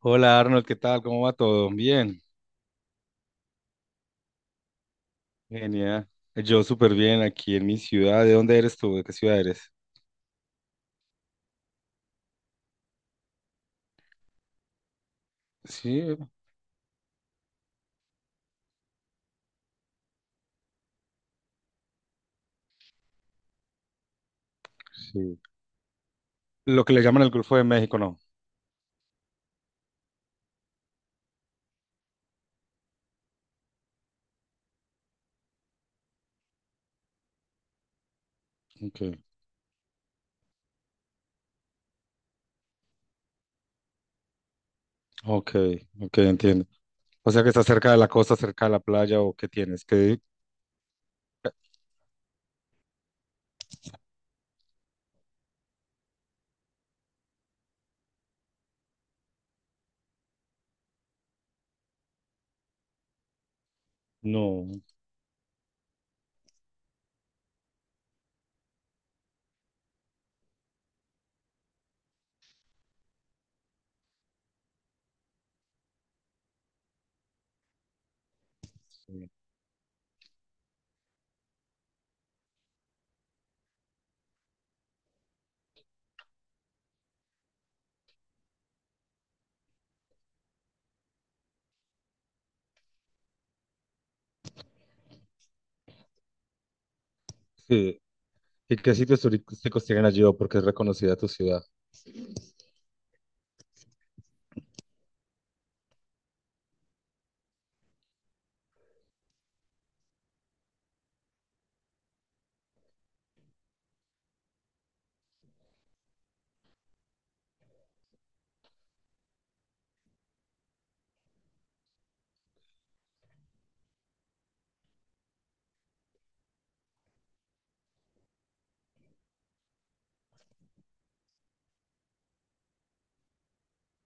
Hola Arnold, ¿qué tal? ¿Cómo va todo? Bien, genial. Yo súper bien aquí en mi ciudad. ¿De dónde eres tú? ¿De qué ciudad eres? Sí, sí. Lo que le llaman el Golfo de México, ¿no? Ok, ok, ok, entiendo. O sea que está cerca de la costa, cerca de la playa, ¿o qué tienes? ¿Qué? No. Sí. Sí. ¿Y qué sitios turísticos tienen allí o porque es reconocida tu ciudad?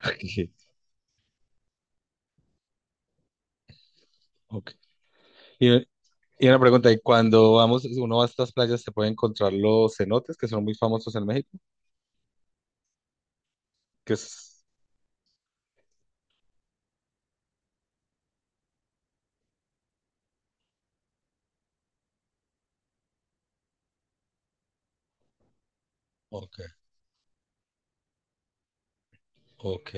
Ok. Y, y una pregunta, ¿y cuando vamos, uno va a estas playas, se puede encontrar los cenotes que son muy famosos en México? Que es... Ok. Ok,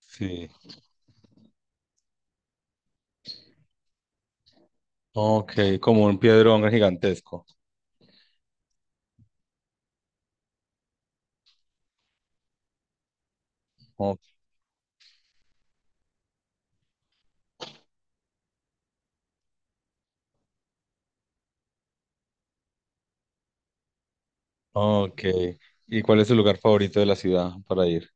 sí. Ok, como un piedrón gigantesco. O- Ok. ¿Y cuál es su lugar favorito de la ciudad para ir?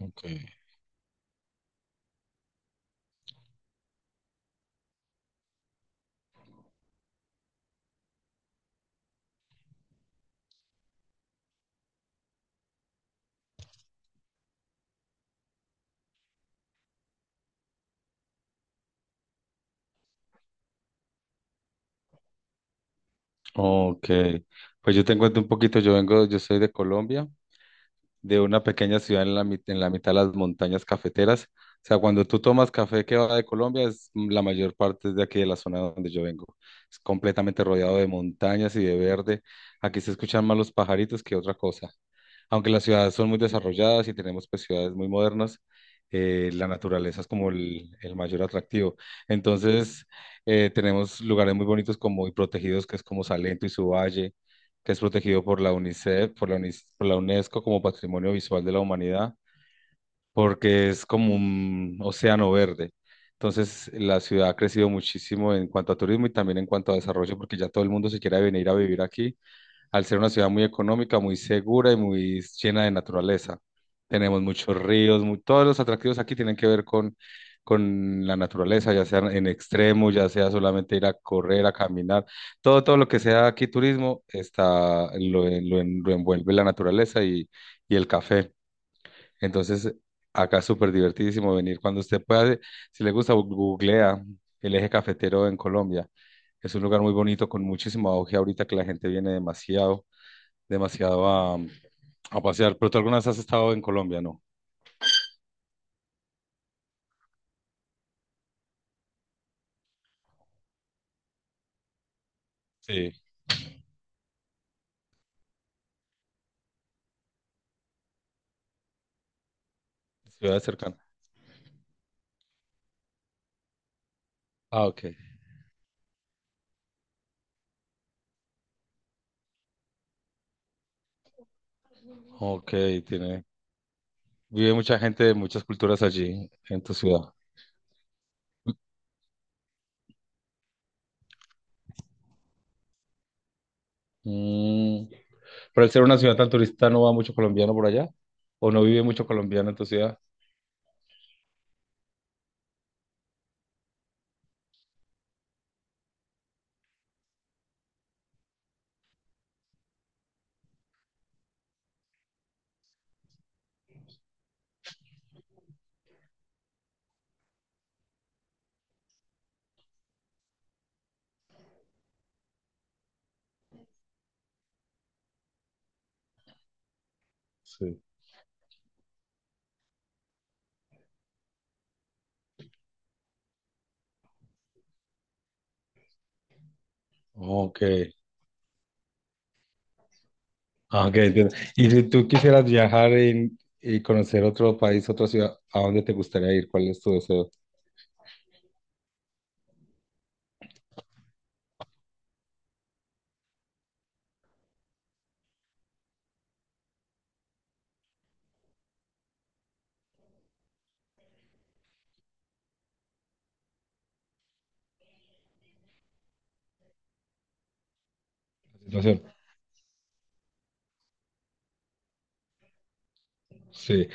Ok. Ok. Pues yo te cuento un poquito, yo vengo, yo soy de Colombia, de una pequeña ciudad en en la mitad de las montañas cafeteras. O sea, cuando tú tomas café que va de Colombia, es mm, la mayor parte es de aquí de la zona donde yo vengo. Es completamente rodeado de montañas y de verde. Aquí se escuchan más los pajaritos que otra cosa. Aunque las ciudades son muy desarrolladas y tenemos pues ciudades muy modernas, la naturaleza es como el mayor atractivo. Entonces, tenemos lugares muy bonitos como y protegidos, que es como Salento y su valle que es protegido por la UNICEF, por por la UNESCO como Patrimonio Visual de la Humanidad, porque es como un océano verde. Entonces, la ciudad ha crecido muchísimo en cuanto a turismo y también en cuanto a desarrollo, porque ya todo el mundo se quiere venir a vivir aquí al ser una ciudad muy económica, muy segura y muy llena de naturaleza. Tenemos muchos ríos, mu- todos los atractivos aquí tienen que ver con la naturaleza, ya sea en extremo, ya sea solamente ir a correr, a caminar, todo, todo lo que sea aquí turismo está, lo envuelve la naturaleza y el café. Entonces, acá es súper divertidísimo venir cuando usted pueda, si le gusta, bu- googlea el eje cafetero en Colombia. Es un lugar muy bonito con muchísimo auge ahorita que la gente viene demasiado demasiado a pasear. Pero tú alguna vez has estado en Colombia, ¿no? Sí, ciudad cercana. Ah, ok. Ok, tiene. Vive mucha gente de muchas culturas allí, en tu ciudad. Mm, pero al ser una ciudad tan turista, ¿no va mucho colombiano por allá? ¿O no vive mucho colombiano en tu ciudad? Sí. Ok. Ah, ok, entiendo. Y si tú quisieras viajar y conocer otro país, otra ciudad, ¿a dónde te gustaría ir? ¿Cuál es tu deseo? Situación. Sí.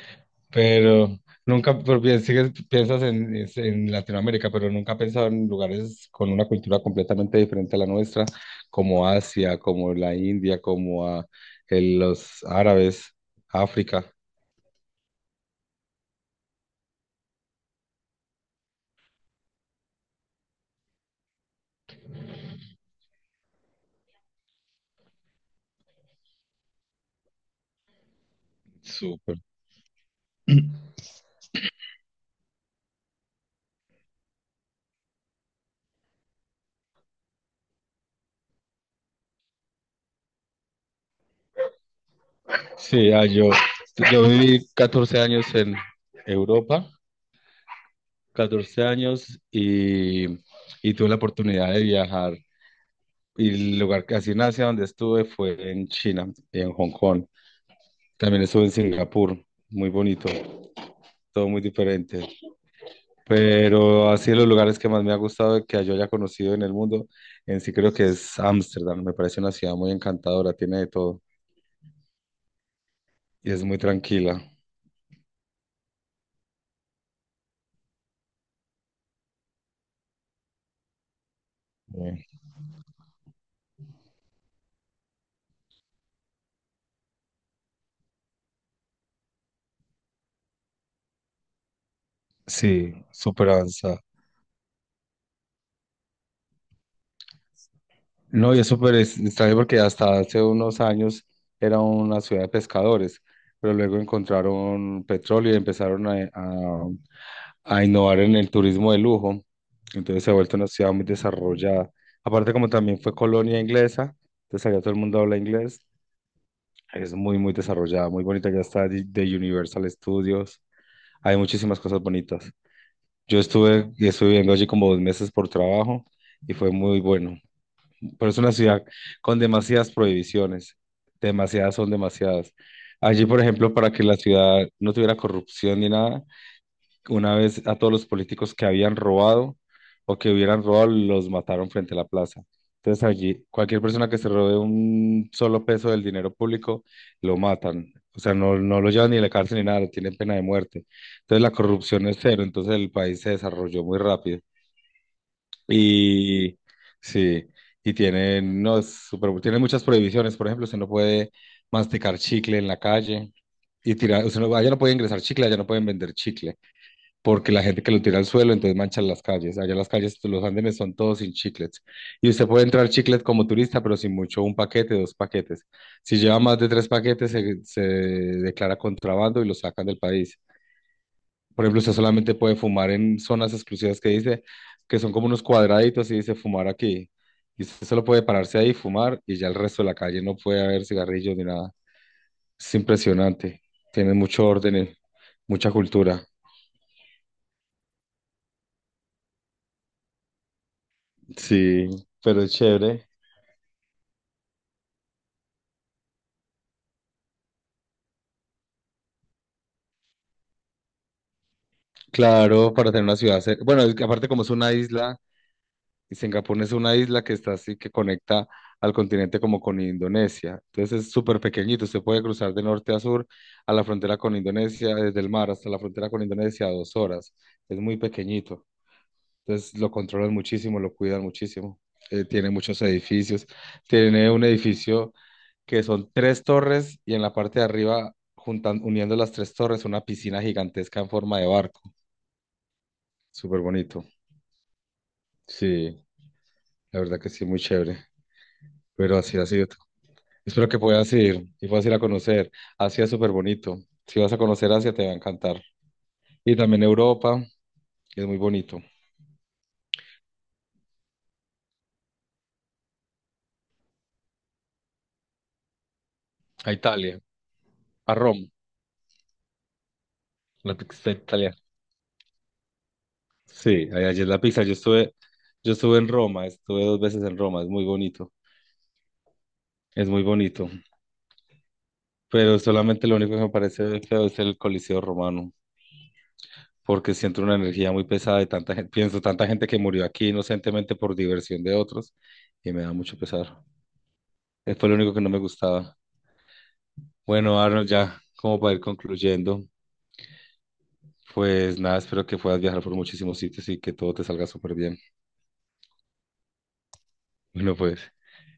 Pero nunca, pero piensas en, en Latinoamérica, pero nunca he pensado en lugares con una cultura completamente diferente a la nuestra, como Asia, como la India, como a, el- los árabes, África. Súper. Sí, yo viví 14 años en Europa, 14 años y tuve la oportunidad de viajar. Y el lugar que así en Asia donde estuve fue en China y en Hong Kong. También estuve en Singapur, muy bonito, todo muy diferente. Pero así de los lugares que más me ha gustado que yo haya conocido en el mundo, en sí creo que es Ámsterdam. Me parece una ciudad muy encantadora, tiene de todo y es muy tranquila. Eh, Sí, súper avanzada. No, y es súper extraño porque hasta hace unos años era una ciudad de pescadores, pero luego encontraron petróleo y empezaron a a innovar en el turismo de lujo. Entonces se ha vuelto una ciudad muy desarrollada. Aparte, como también fue colonia inglesa, entonces allá todo el mundo habla inglés. Es muy, muy desarrollada, muy bonita. Ya está de Universal Studios. Hay muchísimas cosas bonitas. Yo estuve y estuve viviendo allí como 2 meses por trabajo y fue muy bueno. Pero es una ciudad con demasiadas prohibiciones. Demasiadas son demasiadas. Allí, por ejemplo, para que la ciudad no tuviera corrupción ni nada, una vez a todos los políticos que habían robado o que hubieran robado, los mataron frente a la plaza. Entonces allí, cualquier persona que se robe un solo peso del dinero público, lo matan. O sea, no, no lo llevan ni a la cárcel ni nada, tienen pena de muerte. Entonces la corrupción es cero, entonces el país se desarrolló muy rápido. Y sí, y tienen, no, es súper- tienen muchas prohibiciones. Por ejemplo, usted no puede masticar chicle en la calle y tirar, usted no, allá no puede ingresar chicle, allá no pueden vender chicle porque la gente que lo tira al suelo, entonces manchan las calles. Allá las calles, los andenes son todos sin chiclets. Y usted puede entrar chiclet como turista, pero sin mucho, un paquete, dos paquetes. Si lleva más de tres paquetes, se declara contrabando y lo sacan del país. Por ejemplo, usted solamente puede fumar en zonas exclusivas que dice, que son como unos cuadraditos y dice fumar aquí. Y usted solo puede pararse ahí y fumar y ya el resto de la calle no puede haber cigarrillos ni nada. Es impresionante. Tiene mucho orden, y mucha cultura. Sí, pero es chévere. Claro, para tener una ciudad cer- Bueno, es que aparte como es una isla, y Singapur es una isla que está así, que conecta al continente como con Indonesia. Entonces es súper pequeñito, usted puede cruzar de norte a sur a la frontera con Indonesia, desde el mar hasta la frontera con Indonesia a 2 horas. Es muy pequeñito. Entonces lo controlan muchísimo, lo cuidan muchísimo. Tiene muchos edificios. Tiene un edificio que son tres torres y en la parte de arriba, juntan, uniendo las tres torres, una piscina gigantesca en forma de barco. Súper bonito. Sí, la verdad que sí, muy chévere. Pero así ha sido. Espero que puedas ir y puedas ir a conocer. Asia es súper bonito. Si vas a conocer Asia, te va a encantar. Y también Europa, es muy bonito. A Italia, a Roma, la pizza italiana. Sí, allá es la pizza. Yo estuve en Roma, estuve dos veces en Roma, es muy bonito. Es muy bonito. Pero solamente lo único que me parece feo es el Coliseo Romano, porque siento una energía muy pesada de tanta gente, pienso tanta gente que murió aquí inocentemente por diversión de otros y me da mucho pesar. Fue lo único que no me gustaba. Bueno, Arnold, ya como para ir concluyendo, pues nada, espero que puedas viajar por muchísimos sitios y que todo te salga súper bien. Bueno, pues,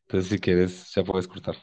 entonces si quieres, ya puedes cortar.